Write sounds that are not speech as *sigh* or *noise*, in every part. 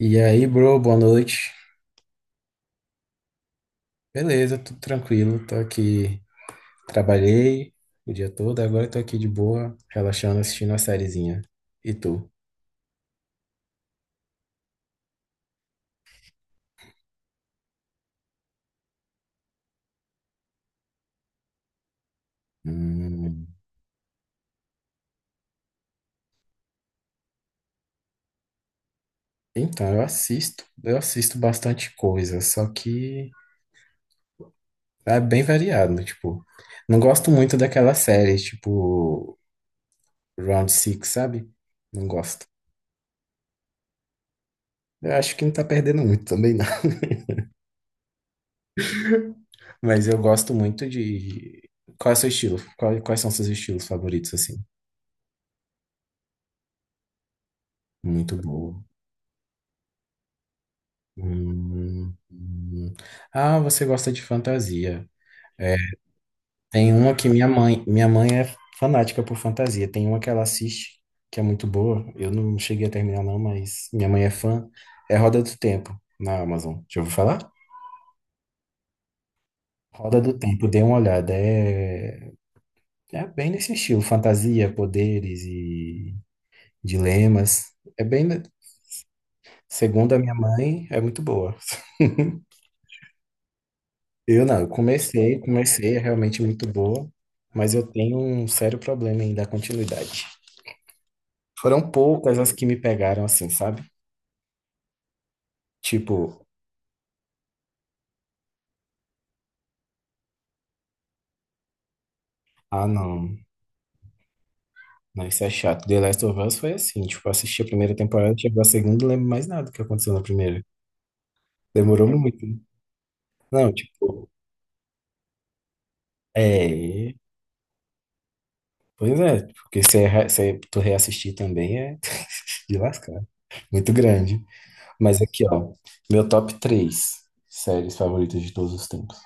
E aí, bro, boa noite. Beleza, tudo tranquilo. Tô aqui, trabalhei o dia todo, agora tô aqui de boa, relaxando, assistindo uma sériezinha. E tu? Hum. Então, eu assisto bastante coisa, só que é bem variado, né, tipo, não gosto muito daquela série, tipo, Round Six, sabe? Não gosto. Eu acho que não tá perdendo muito também, não. *laughs* Mas eu gosto muito de... Qual é o seu estilo? Quais são seus estilos favoritos, assim? Muito bom. Hum, hum. Ah, você gosta de fantasia. É, tem uma que minha mãe é fanática por fantasia. Tem uma que ela assiste, que é muito boa. Eu não cheguei a terminar não, mas minha mãe é fã. É Roda do Tempo, na Amazon. Já ouviu falar? Roda do Tempo, dê uma olhada. É, é bem nesse estilo, fantasia, poderes e dilemas. É bem, segundo a minha mãe, é muito boa. *laughs* Eu não, eu comecei, é realmente muito boa, mas eu tenho um sério problema em dar continuidade. Foram poucas as que me pegaram assim, sabe? Tipo, ah não, não, isso é chato. The Last of Us foi assim, tipo, eu assisti a primeira temporada, chegou a segunda, não lembro mais nada do que aconteceu na primeira. Demorou muito, né? Não, tipo, é. Pois é, porque se, tu reassistir também é *laughs* de lascar. Muito grande. Mas aqui, ó, meu top três séries favoritas de todos os tempos.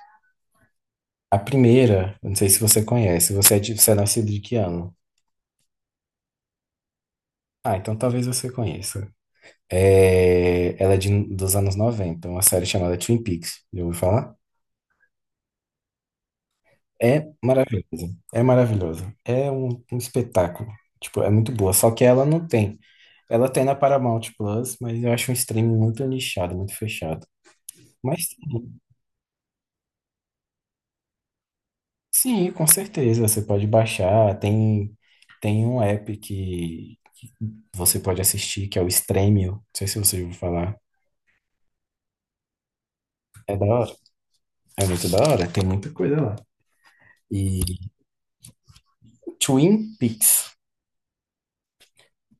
A primeira, eu não sei se você conhece, você é nascido de que ano? Ah, então talvez você conheça. É, ela é de, dos anos 90, uma série chamada Twin Peaks, já ouviu falar? É maravilhosa, é maravilhosa, é um espetáculo, tipo, é muito boa, só que ela não tem. Ela tem na Paramount Plus, mas eu acho um streaming muito nichado, muito fechado. Mas tem, sim, com certeza, você pode baixar, tem, tem um app que você pode assistir, que é o Stremio, não sei se você ouviu falar. É da hora. É muito da hora. Tem muita coisa lá. E Twin Peaks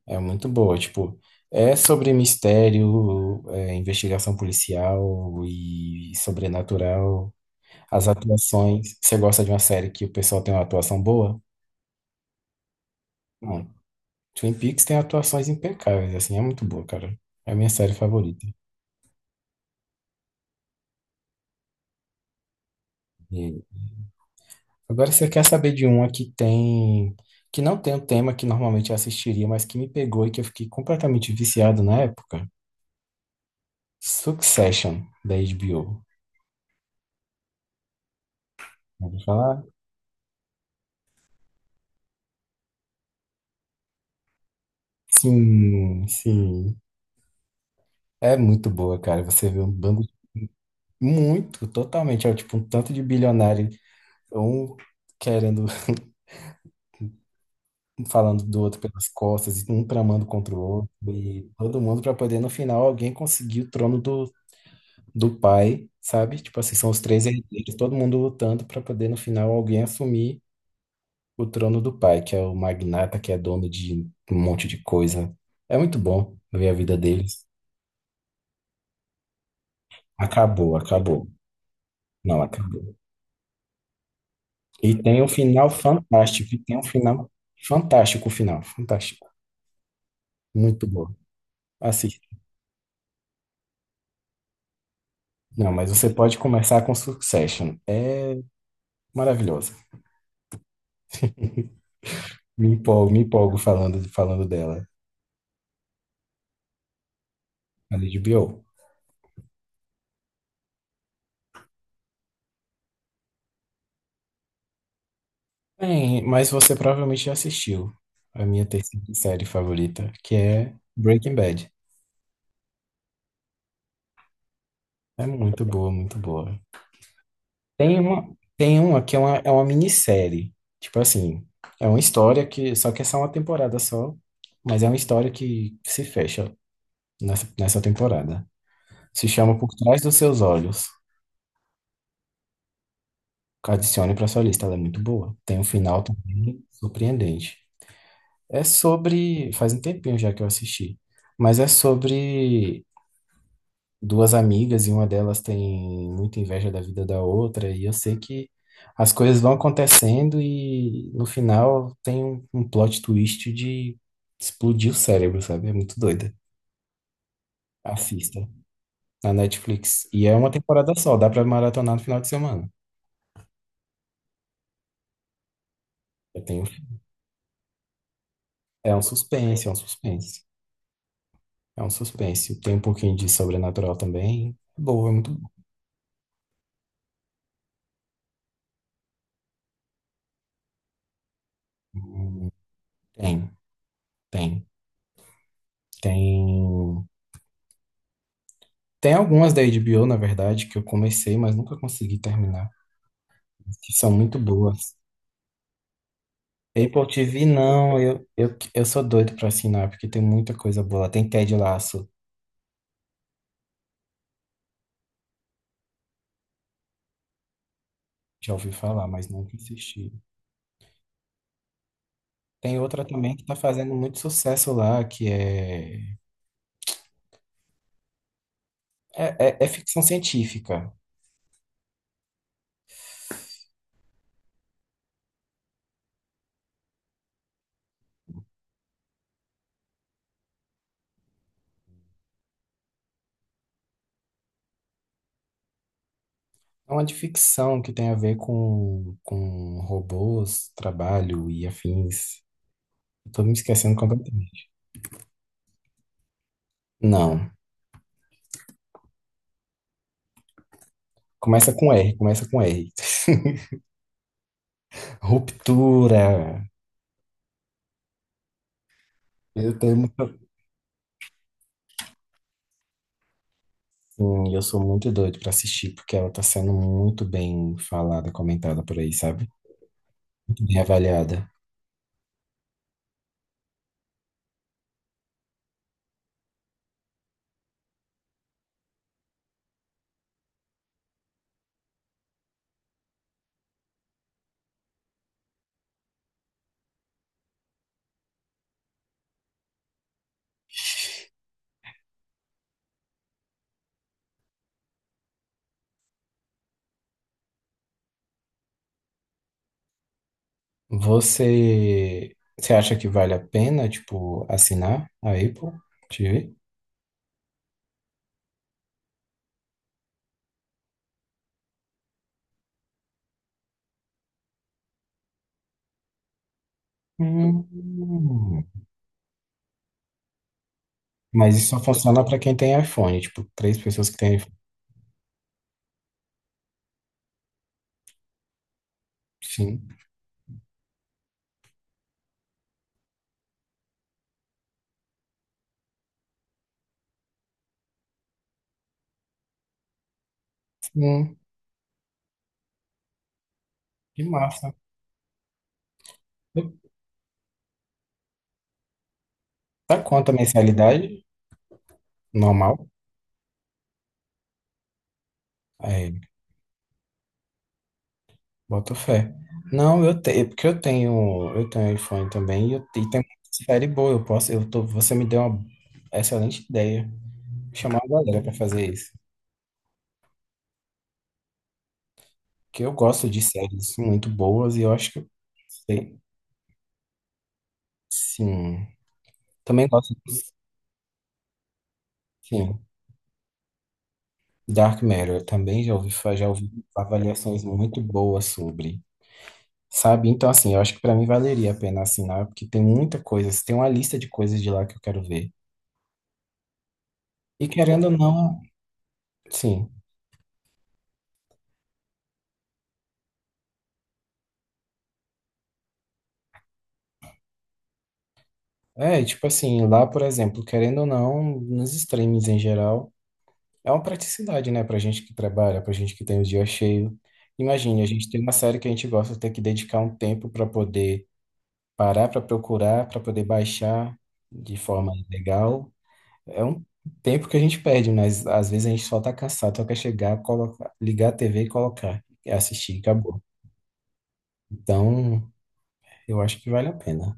é muito boa. Tipo, é sobre mistério, é, investigação policial e sobrenatural. As atuações. Você gosta de uma série que o pessoal tem uma atuação boa? Bom, Twin Peaks tem atuações impecáveis. Assim, é muito boa, cara. É a minha série favorita. E agora você quer saber de uma que tem. Que não tem o tema que normalmente eu assistiria, mas que me pegou e que eu fiquei completamente viciado na época. Succession, da HBO. Eu vou falar? Sim, sim. É muito boa, cara. Você vê um bando muito, totalmente, é tipo um tanto de bilionário, um querendo, *laughs* falando do outro pelas costas, e um tramando contra o outro, e todo mundo pra poder, no final, alguém conseguir o trono do, do pai, sabe? Tipo assim, são os três herdeiros, todo mundo lutando pra poder, no final, alguém assumir o trono do pai, que é o magnata, que é dono de um monte de coisa. É muito bom ver a vida deles. Acabou, acabou. Não, acabou. E tem um final fantástico. E tem um final fantástico, o final. Fantástico. Muito bom. Assista. Não, mas você pode começar com Succession. É maravilhosa. Me empolgo falando, falando dela. Ali de HBO. Bem, mas você provavelmente já assistiu a minha terceira série favorita, que é Breaking Bad. É muito boa, muito boa. Tem uma que é uma minissérie. Tipo assim, é uma história que. Só que é só uma temporada só. Mas é uma história que se fecha nessa temporada. Se chama Por Trás dos Seus Olhos. Adicione pra sua lista, ela é muito boa. Tem um final também surpreendente. É sobre. Faz um tempinho já que eu assisti. Mas é sobre duas amigas e uma delas tem muita inveja da vida da outra, e eu sei que as coisas vão acontecendo e no final tem um plot twist de explodir o cérebro, sabe? É muito doida. Assista na Netflix. E é uma temporada só, dá pra maratonar no final de semana. Eu tenho, é um suspense. É um suspense. Tem um pouquinho de sobrenatural também. É boa, é muito boa. Tem, tem. Tem. Tem algumas da HBO, na verdade, que eu comecei, mas nunca consegui terminar, que são muito boas. Apple TV, não, eu sou doido pra assinar, porque tem muita coisa boa. Tem Ted Lasso, já ouvi falar, mas nunca assisti. Tem outra também que tá fazendo muito sucesso lá, que é, é ficção científica. É uma de ficção que tem a ver com robôs, trabalho e afins. Eu tô me esquecendo completamente. Não, começa com R. *laughs* Ruptura. Eu tenho muito, assim, eu sou muito doido pra assistir, porque ela tá sendo muito bem falada, comentada por aí, sabe? Muito bem avaliada. Você acha que vale a pena, tipo, assinar a Apple TV? Hum, mas isso só funciona pra quem tem iPhone, tipo, três pessoas que têm iPhone. Sim, sim, que massa. Tá quanto a mensalidade normal? É, boto fé. Não, eu tenho, porque eu tenho iPhone também e, eu, e tem uma série boa. Eu posso, eu tô, você me deu uma excelente ideia. Chamar a galera para fazer isso. Porque eu gosto de séries muito boas e eu acho que eu sei, sim. Também gosto de, sim, Dark Matter. Eu também já ouvi, já ouvi avaliações muito boas sobre. Sabe? Então, assim, eu acho que para mim valeria a pena assinar, porque tem muita coisa, tem uma lista de coisas de lá que eu quero ver. E querendo ou não, sim. É, e tipo assim, lá, por exemplo, querendo ou não, nos streams em geral, é uma praticidade, né, pra gente que trabalha, pra gente que tem o dia cheio. Imagine, a gente tem uma série que a gente gosta de ter que dedicar um tempo pra poder parar, pra procurar, pra poder baixar de forma legal. É um tempo que a gente perde, mas às vezes a gente só tá cansado, só quer chegar, colocar, ligar a TV e colocar, e assistir, acabou. Então, eu acho que vale a pena.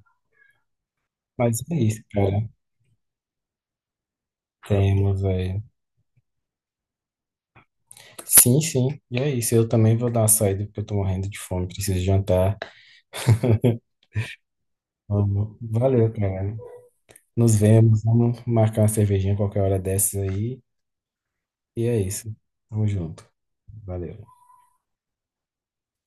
Mas é isso, cara. Tema, velho. Sim, sim. E é isso. Eu também vou dar uma saída, porque eu tô morrendo de fome, preciso jantar. Vamos. Valeu, cara. Nos vemos. Vamos marcar uma cervejinha qualquer hora dessas aí. E é isso. Tamo junto. Valeu.